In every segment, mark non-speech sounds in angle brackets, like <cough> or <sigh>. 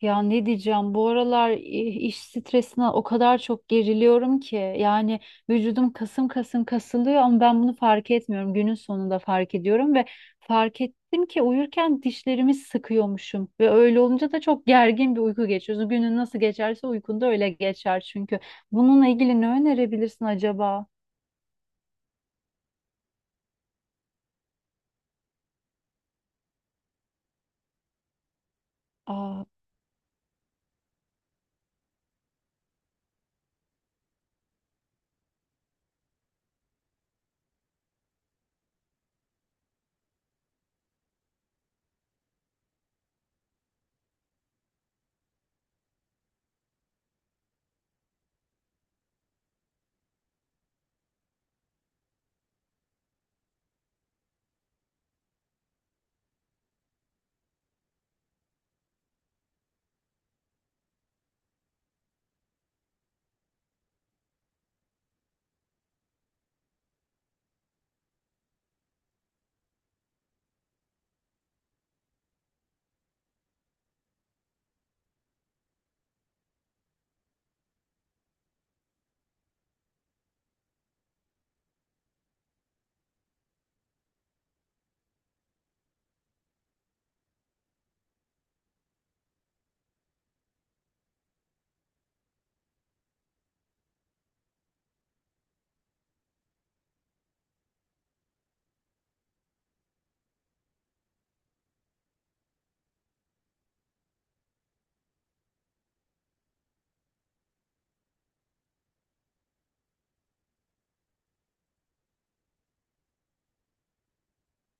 Ya ne diyeceğim, bu aralar iş stresine o kadar çok geriliyorum ki yani vücudum kasım kasım kasılıyor ama ben bunu fark etmiyorum. Günün sonunda fark ediyorum ve fark ettim ki uyurken dişlerimi sıkıyormuşum ve öyle olunca da çok gergin bir uyku geçiyorsun. Günün nasıl geçerse uykun da öyle geçer çünkü. Bununla ilgili ne önerebilirsin acaba? Aa.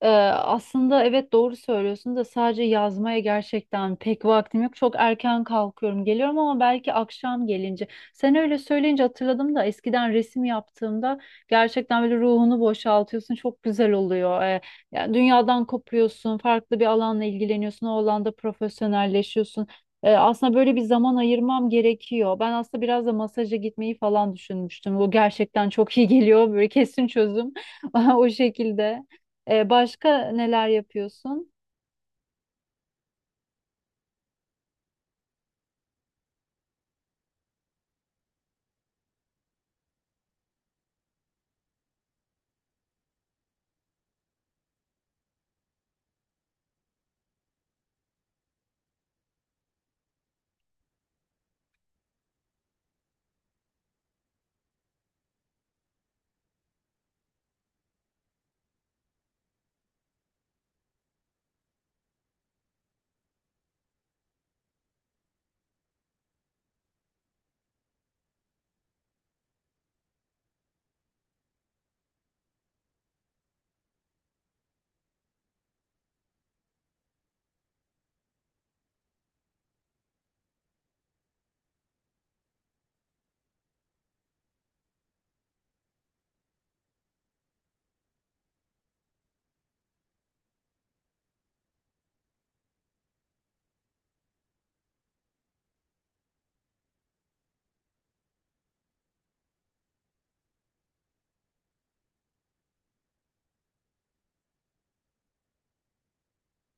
Ee, Aslında evet, doğru söylüyorsun da sadece yazmaya gerçekten pek vaktim yok. Çok erken kalkıyorum, geliyorum ama belki akşam gelince. Sen öyle söyleyince hatırladım da eskiden resim yaptığımda gerçekten böyle ruhunu boşaltıyorsun. Çok güzel oluyor. Yani dünyadan kopuyorsun, farklı bir alanla ilgileniyorsun, o alanda profesyonelleşiyorsun. Aslında böyle bir zaman ayırmam gerekiyor. Ben aslında biraz da masaja gitmeyi falan düşünmüştüm. Bu gerçekten çok iyi geliyor. Böyle kesin çözüm <laughs> o şekilde. Başka neler yapıyorsun?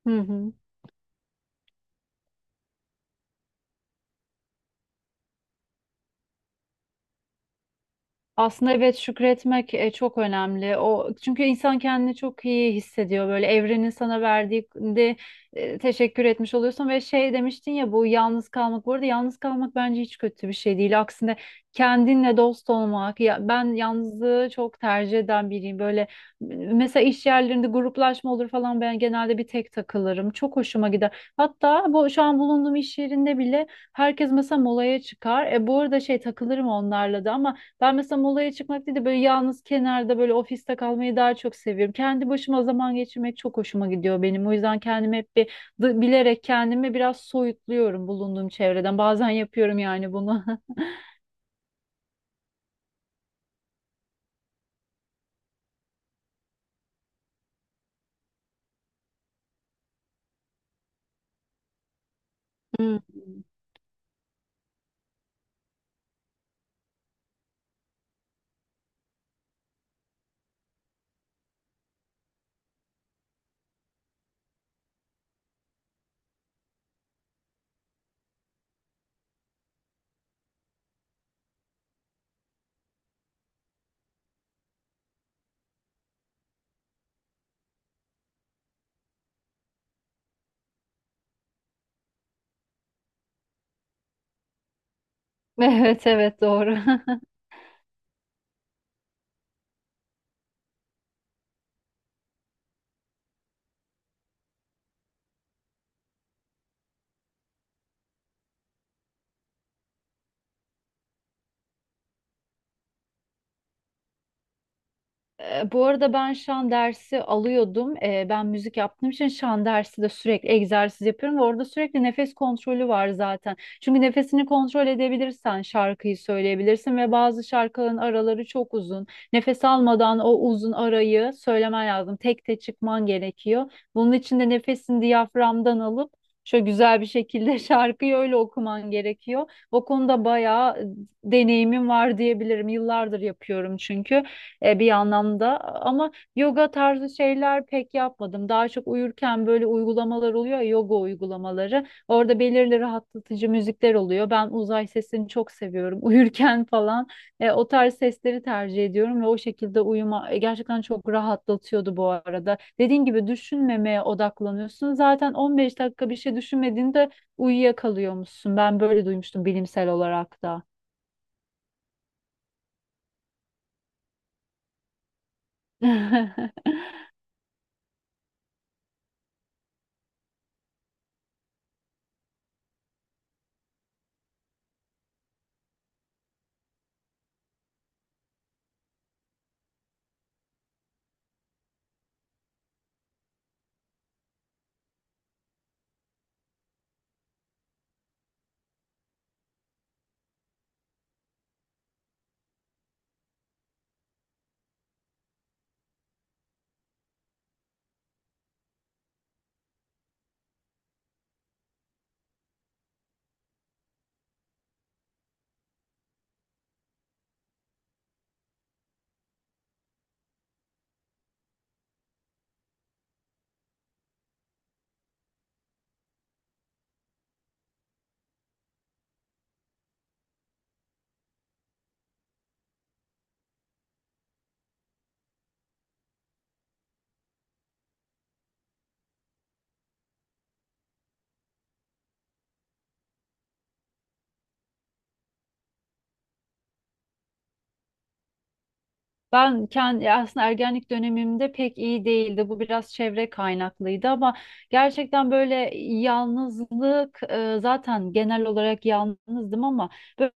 Hı hı. Aslında evet, şükretmek çok önemli. O çünkü insan kendini çok iyi hissediyor. Böyle evrenin sana verdiği de teşekkür etmiş oluyorsun ve şey demiştin ya, bu yalnız kalmak. Bu arada yalnız kalmak bence hiç kötü bir şey değil. Aksine kendinle dost olmak. Ya, ben yalnızlığı çok tercih eden biriyim. Böyle mesela iş yerlerinde gruplaşma olur falan, ben genelde bir tek takılırım. Çok hoşuma gider. Hatta bu şu an bulunduğum iş yerinde bile herkes mesela molaya çıkar. E bu arada şey, takılırım onlarla da ama ben mesela molaya çıkmak değil de böyle yalnız kenarda böyle ofiste kalmayı daha çok seviyorum. Kendi başıma zaman geçirmek çok hoşuma gidiyor benim. O yüzden kendimi hep bir bilerek kendimi biraz soyutluyorum bulunduğum çevreden. Bazen yapıyorum yani bunu. <laughs> Hmm. Evet evet, doğru. <laughs> E, bu arada ben şan dersi alıyordum. E, ben müzik yaptığım için şan dersi de sürekli egzersiz yapıyorum ve orada sürekli nefes kontrolü var zaten. Çünkü nefesini kontrol edebilirsen şarkıyı söyleyebilirsin ve bazı şarkıların araları çok uzun. Nefes almadan o uzun arayı söylemen lazım. Tek tek çıkman gerekiyor. Bunun için de nefesini diyaframdan alıp şöyle güzel bir şekilde <laughs> şarkıyı öyle okuman gerekiyor. O konuda bayağı deneyimim var diyebilirim. Yıllardır yapıyorum çünkü bir anlamda ama yoga tarzı şeyler pek yapmadım. Daha çok uyurken böyle uygulamalar oluyor ya, yoga uygulamaları. Orada belirli rahatlatıcı müzikler oluyor. Ben uzay sesini çok seviyorum. <laughs> Uyurken falan o tarz sesleri tercih ediyorum ve o şekilde uyuma gerçekten çok rahatlatıyordu bu arada. Dediğin gibi düşünmemeye odaklanıyorsun. Zaten 15 dakika bir şey düşünmediğinde uyuyakalıyormuşsun. Ben böyle duymuştum bilimsel olarak da. <laughs> Ben kendi aslında ergenlik dönemimde pek iyi değildi. Bu biraz çevre kaynaklıydı ama gerçekten böyle yalnızlık zaten genel olarak yalnızdım ama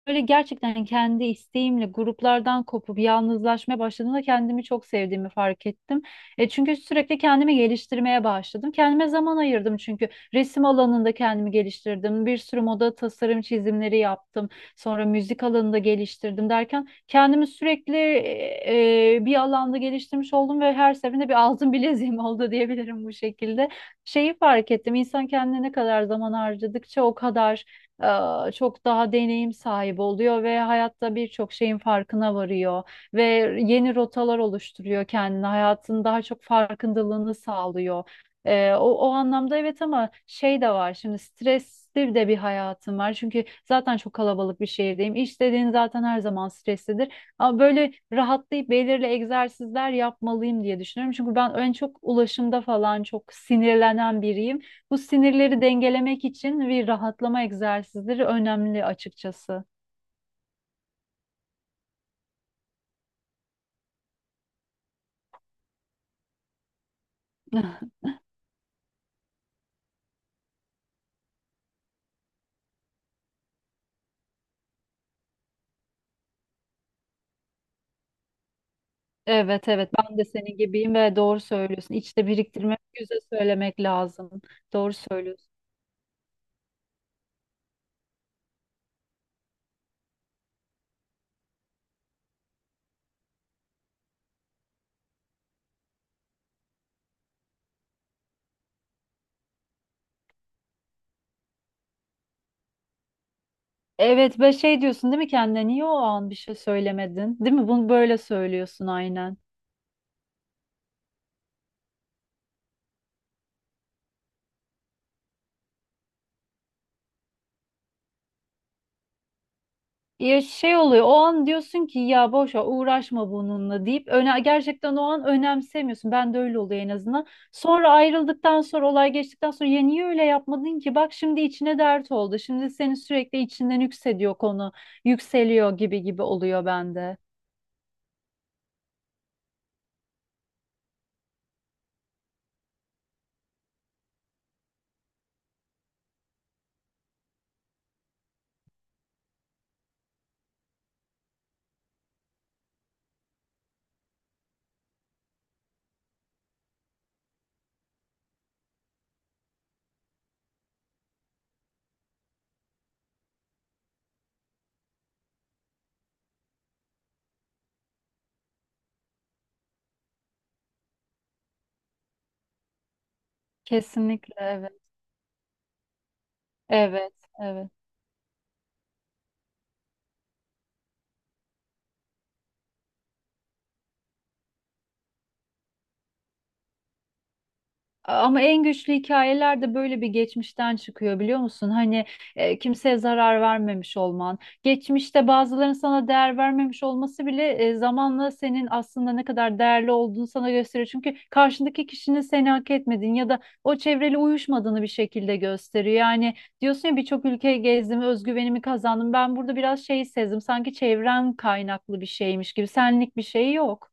böyle gerçekten kendi isteğimle gruplardan kopup yalnızlaşmaya başladığımda kendimi çok sevdiğimi fark ettim. E, çünkü sürekli kendimi geliştirmeye başladım. Kendime zaman ayırdım, çünkü resim alanında kendimi geliştirdim. Bir sürü moda tasarım çizimleri yaptım. Sonra müzik alanında geliştirdim derken kendimi sürekli bir alanda geliştirmiş oldum ve her seferinde bir altın bileziğim <laughs> oldu diyebilirim bu şekilde. Şeyi fark ettim, insan kendine ne kadar zaman harcadıkça o kadar çok daha deneyim sahibi oluyor ve hayatta birçok şeyin farkına varıyor ve yeni rotalar oluşturuyor kendine, hayatın daha çok farkındalığını sağlıyor. O anlamda evet, ama şey de var, şimdi stresli de bir hayatım var. Çünkü zaten çok kalabalık bir şehirdeyim. İş dediğin zaten her zaman streslidir. Ama böyle rahatlayıp belirli egzersizler yapmalıyım diye düşünüyorum. Çünkü ben en çok ulaşımda falan çok sinirlenen biriyim. Bu sinirleri dengelemek için bir rahatlama egzersizleri önemli açıkçası. <laughs> Evet evet, ben de senin gibiyim ve doğru söylüyorsun. İçte biriktirmek, yüze söylemek lazım. Doğru söylüyorsun. Evet, ve şey diyorsun değil mi, kendine niye o an bir şey söylemedin? Değil mi? Bunu böyle söylüyorsun aynen. Ya şey oluyor, o an diyorsun ki ya boş ver, uğraşma bununla deyip öne gerçekten o an önemsemiyorsun. Ben de öyle oluyor en azından. Sonra ayrıldıktan sonra, olay geçtikten sonra ya niye öyle yapmadın ki? Bak şimdi içine dert oldu. Şimdi seni sürekli içinden yükseliyor konu. Yükseliyor gibi gibi oluyor bende. Kesinlikle evet. Evet. Evet. Ama en güçlü hikayeler de böyle bir geçmişten çıkıyor, biliyor musun? Hani kimseye zarar vermemiş olman, geçmişte bazıların sana değer vermemiş olması bile zamanla senin aslında ne kadar değerli olduğunu sana gösteriyor. Çünkü karşındaki kişinin seni hak etmediğini ya da o çevreyle uyuşmadığını bir şekilde gösteriyor. Yani diyorsun ya, birçok ülke gezdim, özgüvenimi kazandım. Ben burada biraz şey sezdim, sanki çevren kaynaklı bir şeymiş gibi, senlik bir şey yok.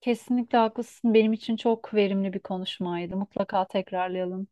Kesinlikle haklısın. Benim için çok verimli bir konuşmaydı. Mutlaka tekrarlayalım.